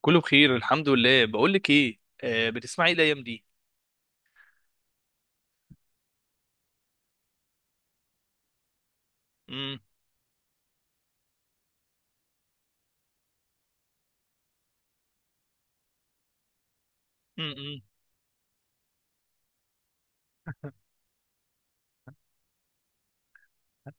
كله بخير، الحمد لله. بقول لك ايه، بتسمعي ايه الايام دي؟ امم امم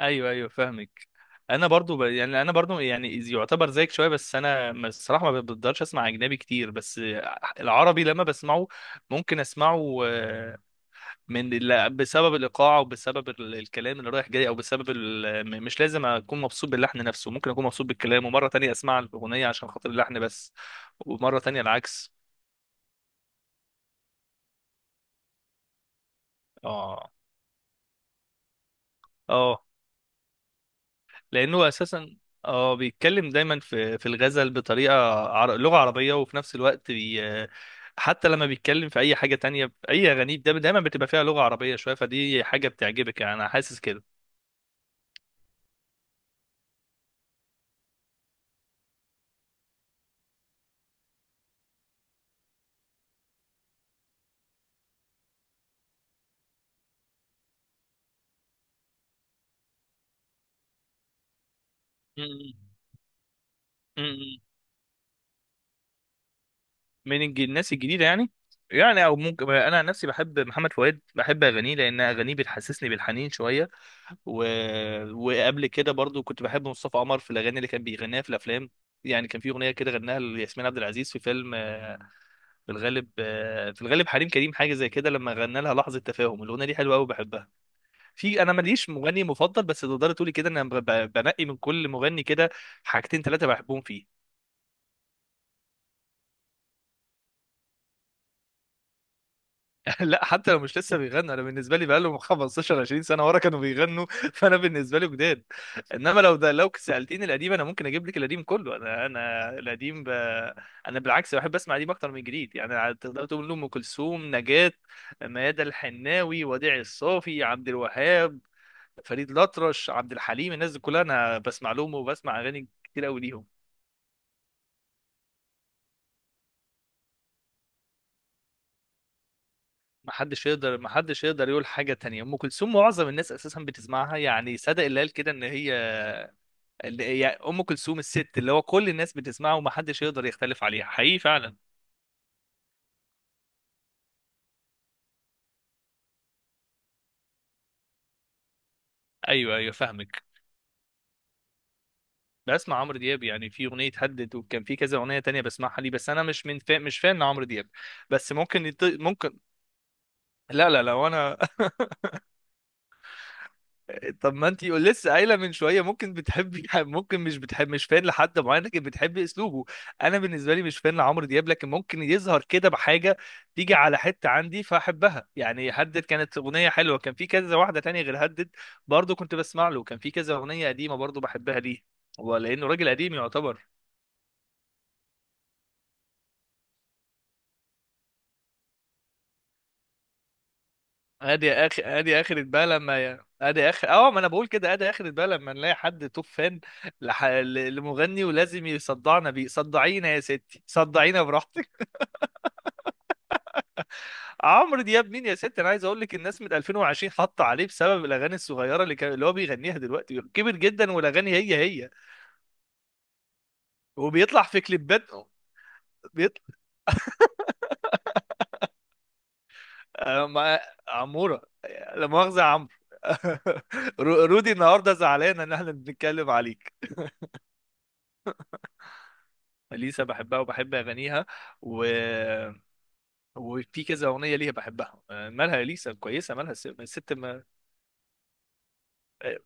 ايوه، ايوه، فاهمك. انا برضو يعني يعتبر زيك شويه، بس انا الصراحه ما بقدرش اسمع اجنبي كتير، بس العربي لما بسمعه ممكن اسمعه. من لا، بسبب الايقاع وبسبب الكلام اللي رايح جاي، او بسبب مش لازم اكون مبسوط باللحن نفسه، ممكن اكون مبسوط بالكلام، ومره تانية اسمع الاغنيه عشان خاطر اللحن بس، ومره تانية العكس. اه، اه، لانه اساسا اه بيتكلم دايما في الغزل بطريقه لغه عربيه، وفي نفس الوقت حتى لما بيتكلم في اي حاجه تانية في اي اغانيه، ده دايما بتبقى فيها لغه عربيه شويه، فدي حاجه بتعجبك يعني، انا حاسس كده. م- م- م- من الناس الجديده يعني، يعني او ممكن، انا عن نفسي بحب محمد فؤاد، بحب اغانيه لان اغانيه بتحسسني بالحنين شويه. و... وقبل كده برضو كنت بحب مصطفى قمر في الاغاني اللي كان بيغنيها في الافلام، يعني كان في اغنيه كده غناها لياسمين عبد العزيز في فيلم، في الغالب، في الغالب حريم كريم، حاجه زي كده، لما غنى لها لحظه تفاهم. الاغنيه دي حلوه قوي، بحبها في. انا ماليش مغني مفضل، بس تقدر تقولي كده انا بنقي من كل مغني كده حاجتين ثلاثه بحبهم فيه. لا، حتى لو مش لسه بيغنوا، انا بالنسبه لي بقالهم 15 20 سنه ورا كانوا بيغنوا فانا بالنسبه لي جداد. انما لو سالتيني القديم، انا ممكن اجيب لك القديم كله. انا القديم. انا بالعكس بحب اسمع قديم اكتر من جديد، يعني تقدر تقول ام كلثوم، نجاة، ميادة الحناوي، وديع الصافي، عبد الوهاب، فريد الأطرش، عبد الحليم، الناس دي كلها أنا بسمع لهم وبسمع أغاني كتير أوي ليهم. محدش يقدر يقول حاجة تانية. أم كلثوم معظم الناس أساسا بتسمعها، يعني صدق اللي قال كده إن هي اللي هي أم كلثوم الست، اللي هو كل الناس بتسمعها، ومحدش يقدر يختلف عليها حقيقي فعلا. أيوه، أيوه، فاهمك. بسمع عمرو دياب يعني، في أغنية هدد وكان في كذا أغنية تانية بسمعها ليه، بس أنا مش مش فان عمرو دياب، بس ممكن ممكن. لا، لا، لا. وأنا طب ما انتي لسه قايله من شويه ممكن بتحبي ممكن مش بتحب، مش فان لحد معين لكن بتحبي اسلوبه. انا بالنسبه لي مش فان لعمرو دياب، لكن ممكن يظهر كده بحاجه تيجي على حته عندي فاحبها، يعني هدد كانت اغنيه حلوه، كان في كذا واحده تانية غير هدد برضو كنت بسمع له، كان في كذا اغنيه قديمه برضو بحبها ليه، هو لانه راجل قديم يعتبر. ادي اخر بقى لما ي- ادي اخر اه ما انا بقول كده ادي اخر بقى لما نلاقي حد توب فان لمغني ولازم يصدعنا بيه، صدعينا يا ستي، صدعينا براحتك. عمرو دياب مين يا ستي، انا عايز اقول لك الناس من 2020 حاطه عليه بسبب الاغاني الصغيره اللي كان اللي هو بيغنيها، دلوقتي كبر جدا والاغاني هي هي، وبيطلع في كليبات، بيطلع مع عموره. لا مؤاخذه يا عمرو. رودي النهارده زعلان ان احنا بنتكلم عليه. اليسا بحبها وبحب اغانيها، و... وفي كذا اغنيه ليها بحبها. مالها اليسا كويسه، مالها الست ما... آه،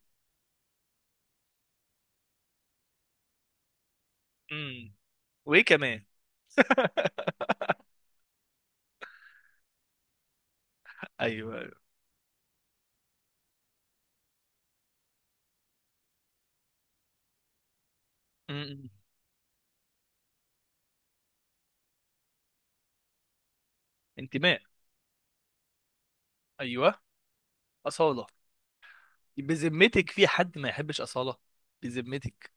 مم، وايه كمان؟ ايوه، أيوة. مم. انتماء. ايوه، اصاله. بذمتك في حد ما يحبش اصاله؟ بذمتك.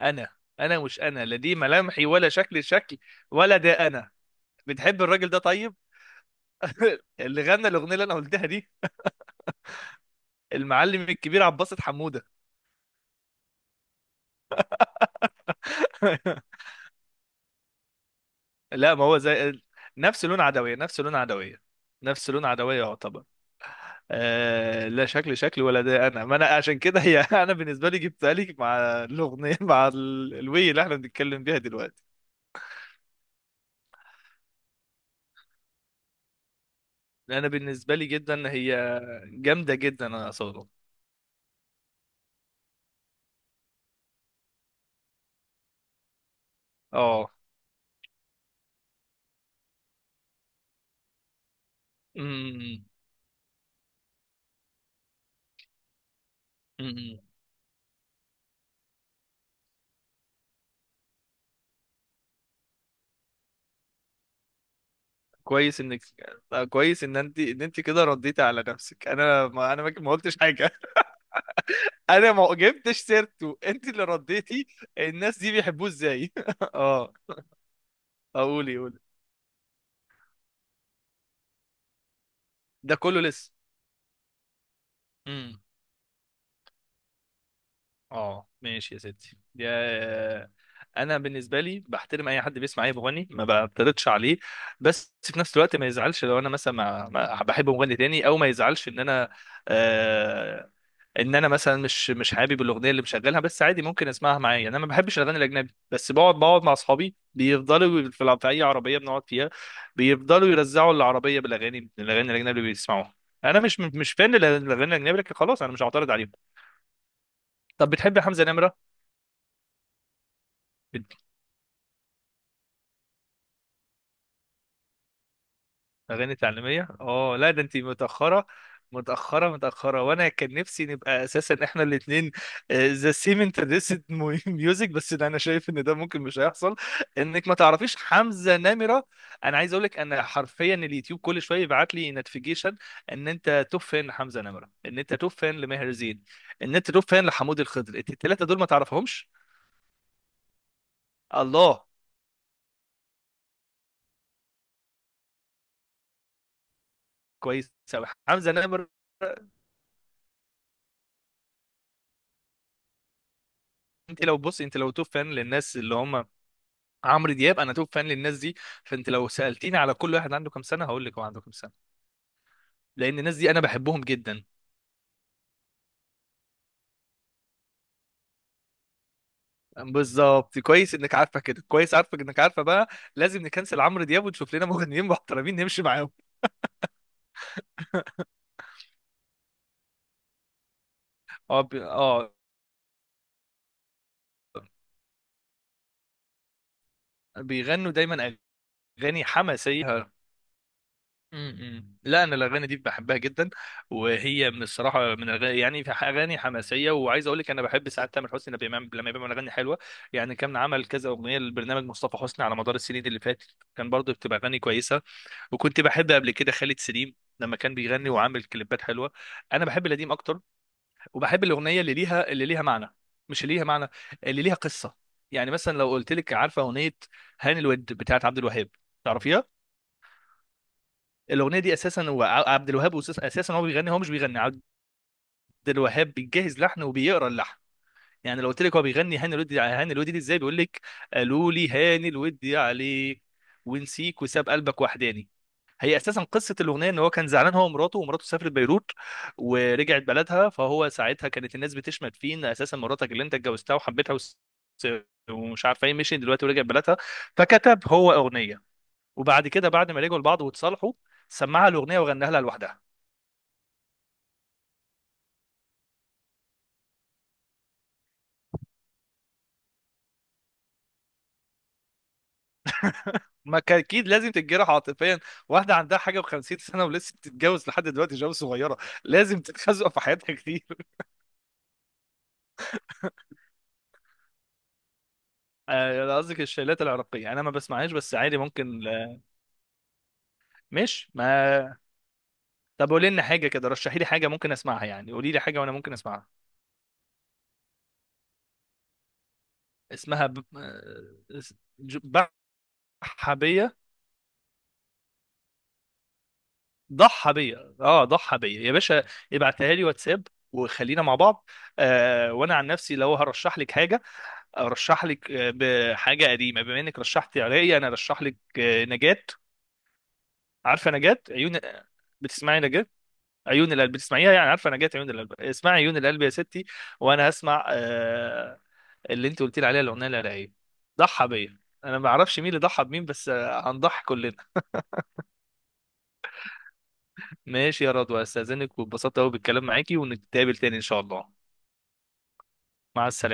انا، انا مش انا لا، دي ملامحي ولا شكل، ولا ده انا. بتحب الراجل ده طيب؟ اللي غنى الاغنيه اللي انا قلتها دي، المعلم الكبير عباس حموده. لا، ما هو زي، نفس لون عدوية نفس لون عدوية نفس لون عدوية يعتبر. آه، لا شكل شكل، ولا ده انا، ما انا عشان كده هي، انا بالنسبة لي جبتها لك مع الاغنية مع الوي اللي احنا بنتكلم بيها دلوقتي. انا بالنسبة لي جدا هي جامدة جدا، انا اصلا. اه. أمم، أمم. كويس انك، كويس ان انت كده رديتي على نفسك، انا ما انا ما قلتش حاجة. انا ما جبتش سيرته، انت اللي رديتي. الناس دي بيحبوه ازاي؟ اه، اقولي، قولي. ده كله لسه. امم، اه ماشي يا ستي يا، انا بالنسبه لي بحترم اي حد بيسمع اي مغني، ما بعترضش عليه، بس في نفس الوقت ما يزعلش لو انا مثلا بحب مغني تاني، او ما يزعلش ان انا آه، ان انا مثلا مش حابب الاغنيه اللي مشغلها، بس عادي ممكن اسمعها معايا، يعني انا ما بحبش الاغاني الاجنبي، بس بقعد مع اصحابي بيفضلوا في في اي عربيه بنقعد فيها بيفضلوا يرزعوا العربيه بالاغاني، الاجنبي اللي بيسمعوها. انا مش فان للاغاني الاجنبي، لكن خلاص انا مش هعترض عليهم. طب بتحب حمزه نمره؟ اغاني تعليميه، اه لا، ده انت متاخره، متاخره، متاخره، وانا كان نفسي نبقى اساسا احنا الاثنين ذا سيم انترستد ميوزك، بس ده انا شايف ان ده ممكن مش هيحصل، انك ما تعرفيش حمزه نمره. انا عايز اقول لك، انا حرفيا اليوتيوب كل شويه يبعت لي نوتيفيكيشن ان انت توب فان لحمزه نمره، ان انت توب فان لماهر زين، ان انت توب فان لحمود الخضر. انت الثلاثه دول ما تعرفهمش؟ الله، كويس قوي حمزه نمره. انت لو بص، انت لو توب فان للناس اللي هم عمرو دياب، انا توب فان للناس دي، فانت لو سالتيني على كل واحد عنده كام سنه هقول لك هو عنده كام سنه، لان الناس دي انا بحبهم جدا. بالظبط، كويس انك عارفه كده، كويس عارفك انك عارفه بقى، لازم نكنسل عمرو دياب ونشوف لنا مغنيين محترمين نمشي معاهم. اه اه، بيغنوا دايما اغاني حماسيه. امم، لا انا الاغاني دي بحبها جدا، وهي من الصراحه من اغاني، يعني في اغاني حماسيه، وعايز اقول لك انا بحب ساعات تامر حسني لما بيعمل اغاني حلوه، يعني كان عمل كذا اغنيه لبرنامج مصطفى حسني على مدار السنين اللي فاتت، كان برضه بتبقى اغاني كويسه. وكنت بحب قبل كده خالد سليم لما كان بيغني وعامل كليبات حلوه. انا بحب القديم اكتر، وبحب الاغنيه اللي ليها اللي ليها معنى مش اللي ليها معنى، اللي ليها قصه. يعني مثلا لو قلت لك عارفه اغنيه هاني الود بتاعت عبد الوهاب، تعرفيها؟ الاغنيه دي اساسا هو عبد الوهاب اساسا هو بيغني، هو مش بيغني، عبد الوهاب بيجهز لحن وبيقرا اللحن، يعني لو قلت لك هو بيغني هاني الودي، هاني الودي دي ازاي؟ بيقول لك قالوا لي هاني الودي عليك، ونسيك وساب قلبك وحداني. هي اساسا قصه الاغنيه ان هو كان زعلان هو ومراته، ومراته سافرت بيروت ورجعت بلدها، فهو ساعتها كانت الناس بتشمت فيه ان اساسا مراتك اللي انت اتجوزتها وحبيتها ومش عارفه ايه، مشي دلوقتي ورجعت بلدها، فكتب هو اغنيه، وبعد كده بعد ما رجعوا لبعض واتصالحوا سمعها الاغنيه وغناها لها لوحدها. ما كان اكيد لازم تتجرح عاطفيا، واحده عندها حاجه و50 سنه ولسه بتتجوز لحد دلوقتي جواز صغيره، لازم تتخزق في حياتها كتير. آه، أنا قصدك الشيلات العراقيه انا ما بسمعهاش، بس عادي ممكن. آه، مش ما طب قولي لنا حاجه كده، رشحي لي حاجه ممكن اسمعها، يعني قولي لي حاجه وانا ممكن اسمعها. اسمها ب... آه، اس- ج- بحبيه، ضحى بيا، اه ضحى بيا يا باشا، ابعتها لي واتساب وخلينا مع بعض. آه وانا عن نفسي لو هرشح لك حاجه، ارشح لك بحاجه قديمه، بما انك رشحتي عراقي انا ارشح لك نجاة. عارفه نجاة عيون؟ بتسمعي نجاة عيون القلب؟ بتسمعيها؟ يعني عارفه نجاة عيون القلب، اسمعي عيون القلب يا ستي، وانا هسمع آه اللي انت قلت لي عليها الاغنيه العراقيه ضحى بيا. انا ما اعرفش مين اللي ضحى بمين، بس آه، هنضحي كلنا. ماشي يا رضوى، استاذنك واتبسطت قوي بالكلام معاكي، ونتقابل تاني ان شاء الله. مع السلامة.